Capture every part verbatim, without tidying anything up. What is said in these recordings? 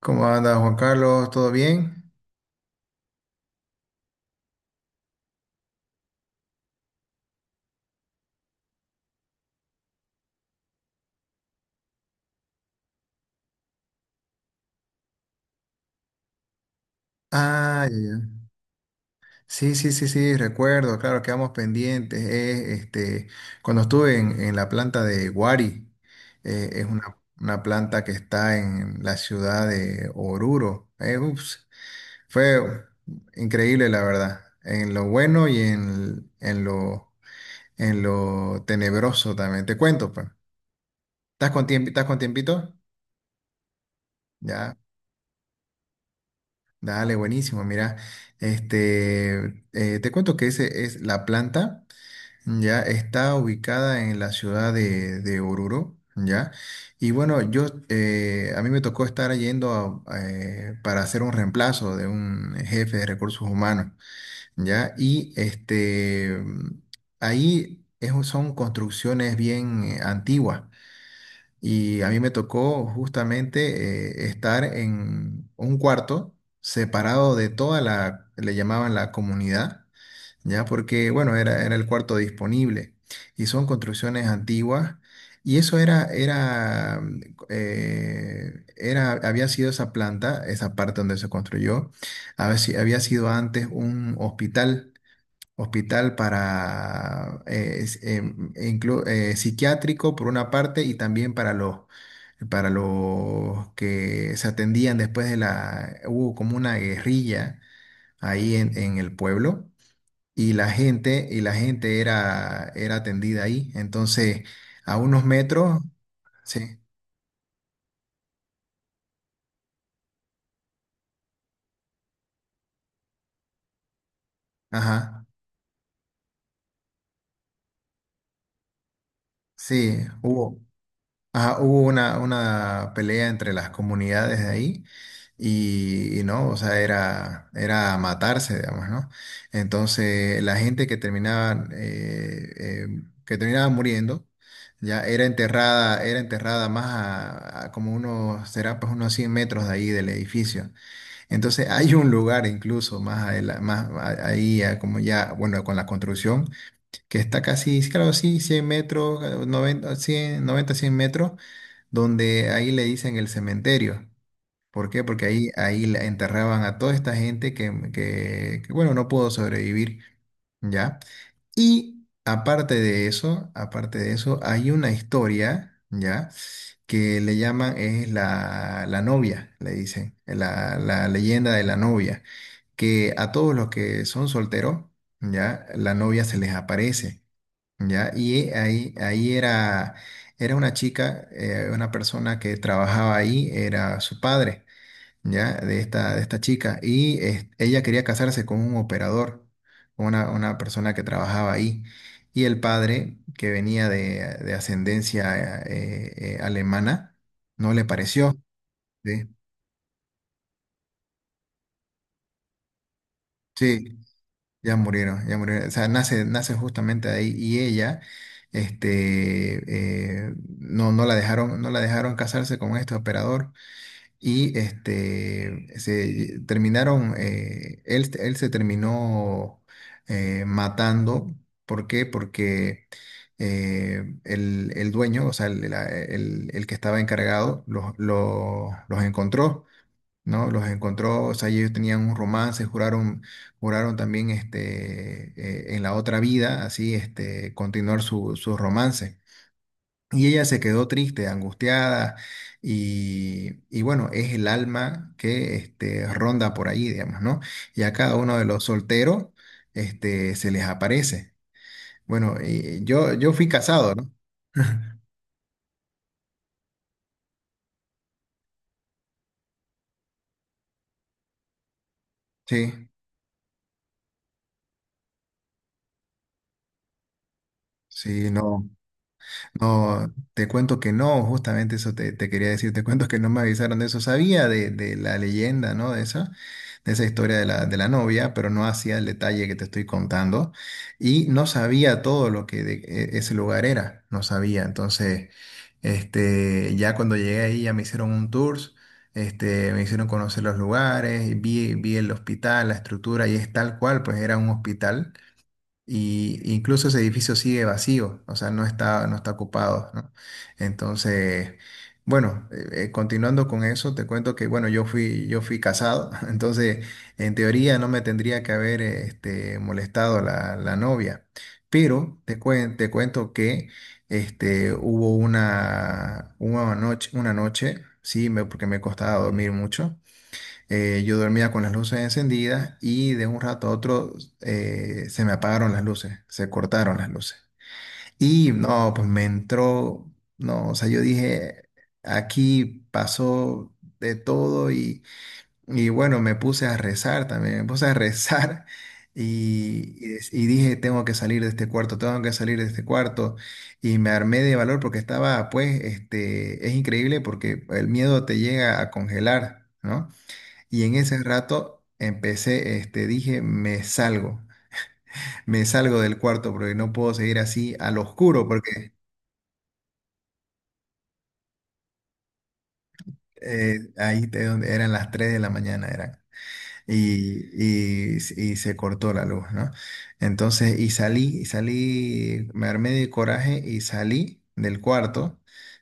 ¿Cómo anda Juan Carlos? ¿Todo bien? Ah, ya, ya. Sí, sí, sí, sí, recuerdo, claro, quedamos pendientes. Eh, este, cuando estuve en, en, la planta de Guari, eh, es una, una planta que está en la ciudad de Oruro. Eh, ups, fue increíble, la verdad, en lo bueno y en, en lo, en lo tenebroso también. Te cuento, pues. ¿Estás con tiempo, estás con tiempito? Ya. Dale, buenísimo. Mira, este, eh, te cuento que ese es la planta, ya está ubicada en la ciudad de, de Oruro, ya. Y bueno, yo, eh, a mí me tocó estar yendo a- eh, para hacer un reemplazo de un jefe de recursos humanos, ya. Y este, ahí es un- son construcciones bien eh, antiguas. Y a mí me tocó justamente eh, estar en un cuarto separado de toda la, le llamaban la comunidad, ya porque, bueno, era, era el cuarto disponible. Y son construcciones antiguas. Y eso era, era, mm, eh, era, había sido esa planta, esa parte donde se construyó, había, si- había sido antes un hospital. Hospital para eh, es- em, inclu- eh, psiquiátrico por una parte y también para los para los que se atendían después de la, hubo como una guerrilla ahí en, en el pueblo y la gente, y la gente era, era atendida ahí. Entonces, a unos metros, sí, ajá, sí, hubo. Ajá, hubo una, una pelea entre las comunidades de ahí y, y no, o sea, era, era matarse, digamos, ¿no? Entonces, la gente que terminaba, eh, eh, que terminaba muriendo, ya era enterrada, era enterrada más a, a como unos, será pues unos cien metros de ahí del edificio. Entonces, hay un lugar incluso más, adela- más a- ahí, a como ya, bueno, con la construcción, que está casi, claro, sí, cien metros, noventa cien noventa cien metros donde ahí le dicen el cementerio. ¿Por qué? Porque ahí, ahí la enterraban a toda esta gente que, que, que, bueno, no pudo sobrevivir, ¿ya? Y aparte de eso, aparte de eso, hay una historia, ¿ya? Que le llaman, es la, la novia, le dicen, la, la leyenda de la novia, que a todos los que son solteros, ¿ya? La novia se les aparece. Ya, y ahí, ahí era, era una chica, eh, una persona que trabajaba ahí, era su padre, ya, de esta, de esta chica, y eh, ella quería casarse con un operador, una, una persona que trabajaba ahí, y el padre, que venía de, de ascendencia eh, eh, alemana, no le pareció, ¿sí? Sí, ya murieron, ya murieron. O sea, nace, nace justamente ahí y ella, este, eh, no, no la dejaron, no la dejaron casarse con este operador y este, se terminaron, eh, él, él se terminó eh, matando. ¿Por qué? Porque eh, el, el dueño, o sea, el, la- el- el que estaba encargado, los, los, los encontró, ¿no? Los encontró, o sea, ellos tenían un romance, juraron, juraron también este, eh, en la otra vida, así, este, continuar su, su romance. Y ella se quedó triste, angustiada, y, y bueno, es el alma que este, ronda por ahí, digamos, ¿no? Y a cada uno de los solteros este, se les aparece. Bueno, y yo, yo fui casado, ¿no? Sí, sí, no. No, te cuento que no, justamente eso te, te quería decir, te cuento que no me avisaron de eso, sabía de, de la leyenda, ¿no? De esa, de esa historia de la, de la novia, pero no hacía el detalle que te estoy contando y no sabía todo lo que de- e- ese lugar era, no sabía, entonces, este, ya cuando llegué ahí ya me hicieron un tour, este, me hicieron conocer los lugares, y vi, vi el hospital, la estructura y es tal cual, pues era un hospital y incluso ese edificio sigue vacío, o sea, no está, no está ocupado, ¿no? Entonces, bueno, eh, eh, continuando con eso, te cuento que, bueno, yo fui, yo fui casado, entonces, en teoría no me tendría que haber, eh, este, molestado la, la novia, pero te cuen- te cuento que, este, hubo una, una noche, una noche, sí, me- porque me costaba dormir mucho eh, yo dormía con las luces encendidas y de un rato a otro eh, se me apagaron las luces, se cortaron las luces. Y no, pues me entró, no, o sea, yo dije, aquí pasó de todo y, y bueno, me puse a rezar también, me puse a rezar y, y dec- y dije, tengo que salir de este cuarto, tengo que salir de este cuarto. Y me armé de valor porque estaba, pues, este, es increíble porque el miedo te llega a congelar, ¿no? Y en ese rato empecé, este, dije, me salgo, me salgo del cuarto porque no puedo seguir así al oscuro porque eh, ahí te- donde eran las tres de la mañana eran. Y, y, y se cortó la luz, ¿no? Entonces, y salí, y salí, me armé de coraje y salí del cuarto,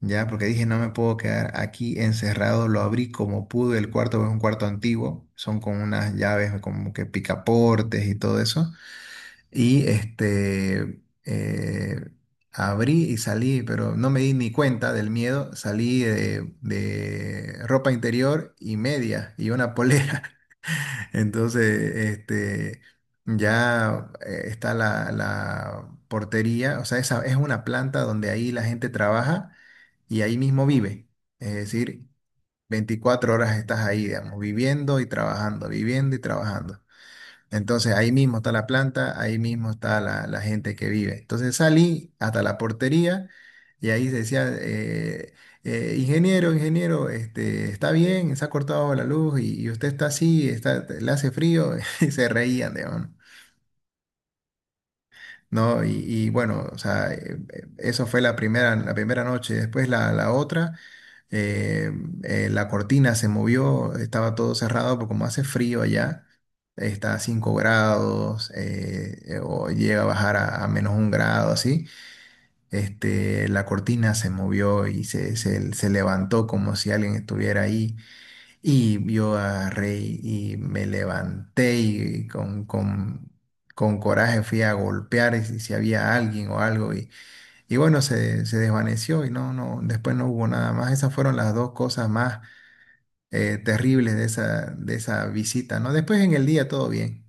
ya, porque dije, no me puedo quedar aquí encerrado, lo abrí como pude, el cuarto es un cuarto antiguo, son con unas llaves como que picaportes y todo eso. Y este, eh, abrí y salí, pero no me di ni cuenta del miedo. Salí de, de ropa interior y media y una polera. Entonces, este, ya eh, está la, la portería. O sea, esa es una planta donde ahí la gente trabaja y ahí mismo vive. Es decir, veinticuatro horas estás ahí, digamos, viviendo y trabajando, viviendo y trabajando. Entonces ahí mismo está la planta, ahí mismo está la, la gente que vive. Entonces salí hasta la portería y ahí decía, eh, eh, ingeniero, ingeniero, este, está bien, se ha cortado la luz y, y usted está así, está, le hace frío y se reían, digamos, ¿no? Y, y bueno, o sea, eh, eh, eso fue la primera, la primera noche. Después la, la otra, eh, eh, la cortina se movió, estaba todo cerrado, porque como hace frío allá, está a cinco grados, eh, eh, o llega a bajar a, a menos un grado, así. Este, la cortina se movió y se, se, se levantó como si alguien estuviera ahí. Y yo agarré y me levanté y con, con, con coraje fui a golpear y si, si había alguien o algo. Y, y bueno, se, se desvaneció y no, no, después no hubo nada más. Esas fueron las dos cosas más eh, terribles de esa, de esa visita, ¿no? Después en el día todo bien.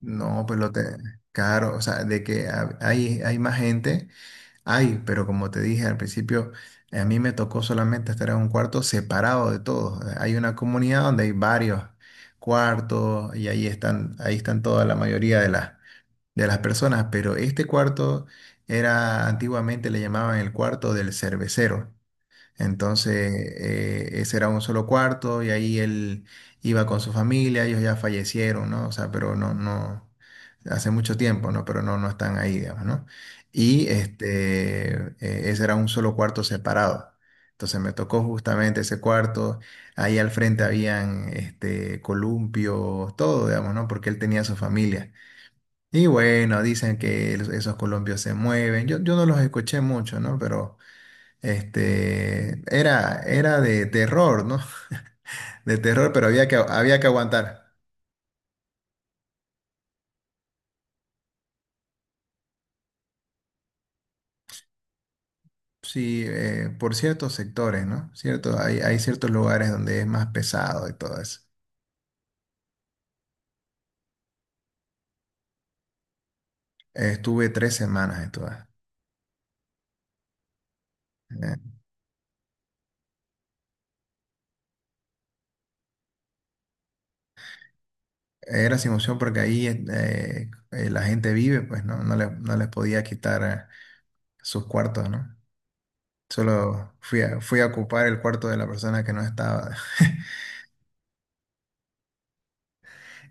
No, pero te, claro, o sea, de que ha- hay, hay más gente. Ay, pero como te dije al principio, a mí me tocó solamente estar en un cuarto separado de todos. Eh, Hay una comunidad donde hay varios cuartos y ahí están, ahí están toda la mayoría de las, de las personas, pero este cuarto era antiguamente le llamaban el cuarto del cervecero. Entonces, eh, ese era un solo cuarto y ahí él iba con su familia, ellos ya fallecieron, ¿no? O sea, pero no, no, hace mucho tiempo, ¿no? Pero no, no están ahí, digamos, ¿no? Y este, eh, ese era un solo cuarto separado. Entonces me tocó justamente ese cuarto. Ahí al frente habían este, columpios, todo, digamos, ¿no? Porque él tenía su familia. Y bueno, dicen que el- esos columpios se mueven. Yo, yo no los escuché mucho, ¿no? Pero. Este, era, era de terror, ¿no? De terror, pero había que, había que aguantar. Sí, eh, por ciertos sectores, ¿no? Cierto, hay, hay ciertos lugares donde es más pesado y todo eso. Eh, estuve tres semanas en todas. Eh, Era sin opción porque ahí eh, eh, la gente vive, pues no, no, le- no les podía quitar eh, sus cuartos, ¿no? Solo fui a, fui a ocupar el cuarto de la persona que no estaba.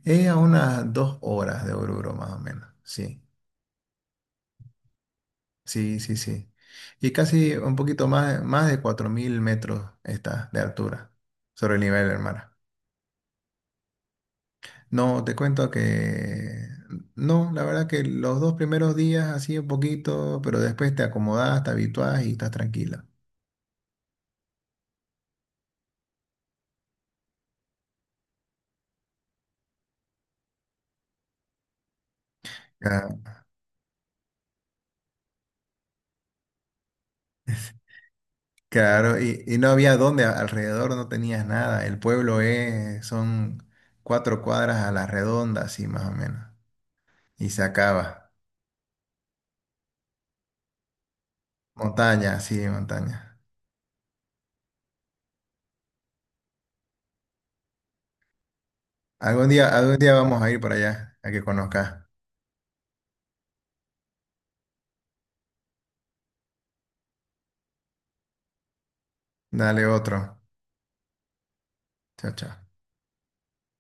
Es a unas dos horas de Oruro, más o menos, sí. Sí, sí, sí. Y casi un poquito más, más de cuatro mil metros está de altura sobre el nivel del mar. No, te cuento que no, la verdad que los dos primeros días así un poquito, pero después te acomodás, te habituás y estás tranquila. Ah, claro, y, y no había dónde, a- alrededor no tenías nada. El pueblo es, son cuatro cuadras a la redonda, así más o menos. Y se acaba. Montaña, sí, montaña. Algún día, algún día vamos a ir para allá, a que conozcas. Dale otro. Chao, chao.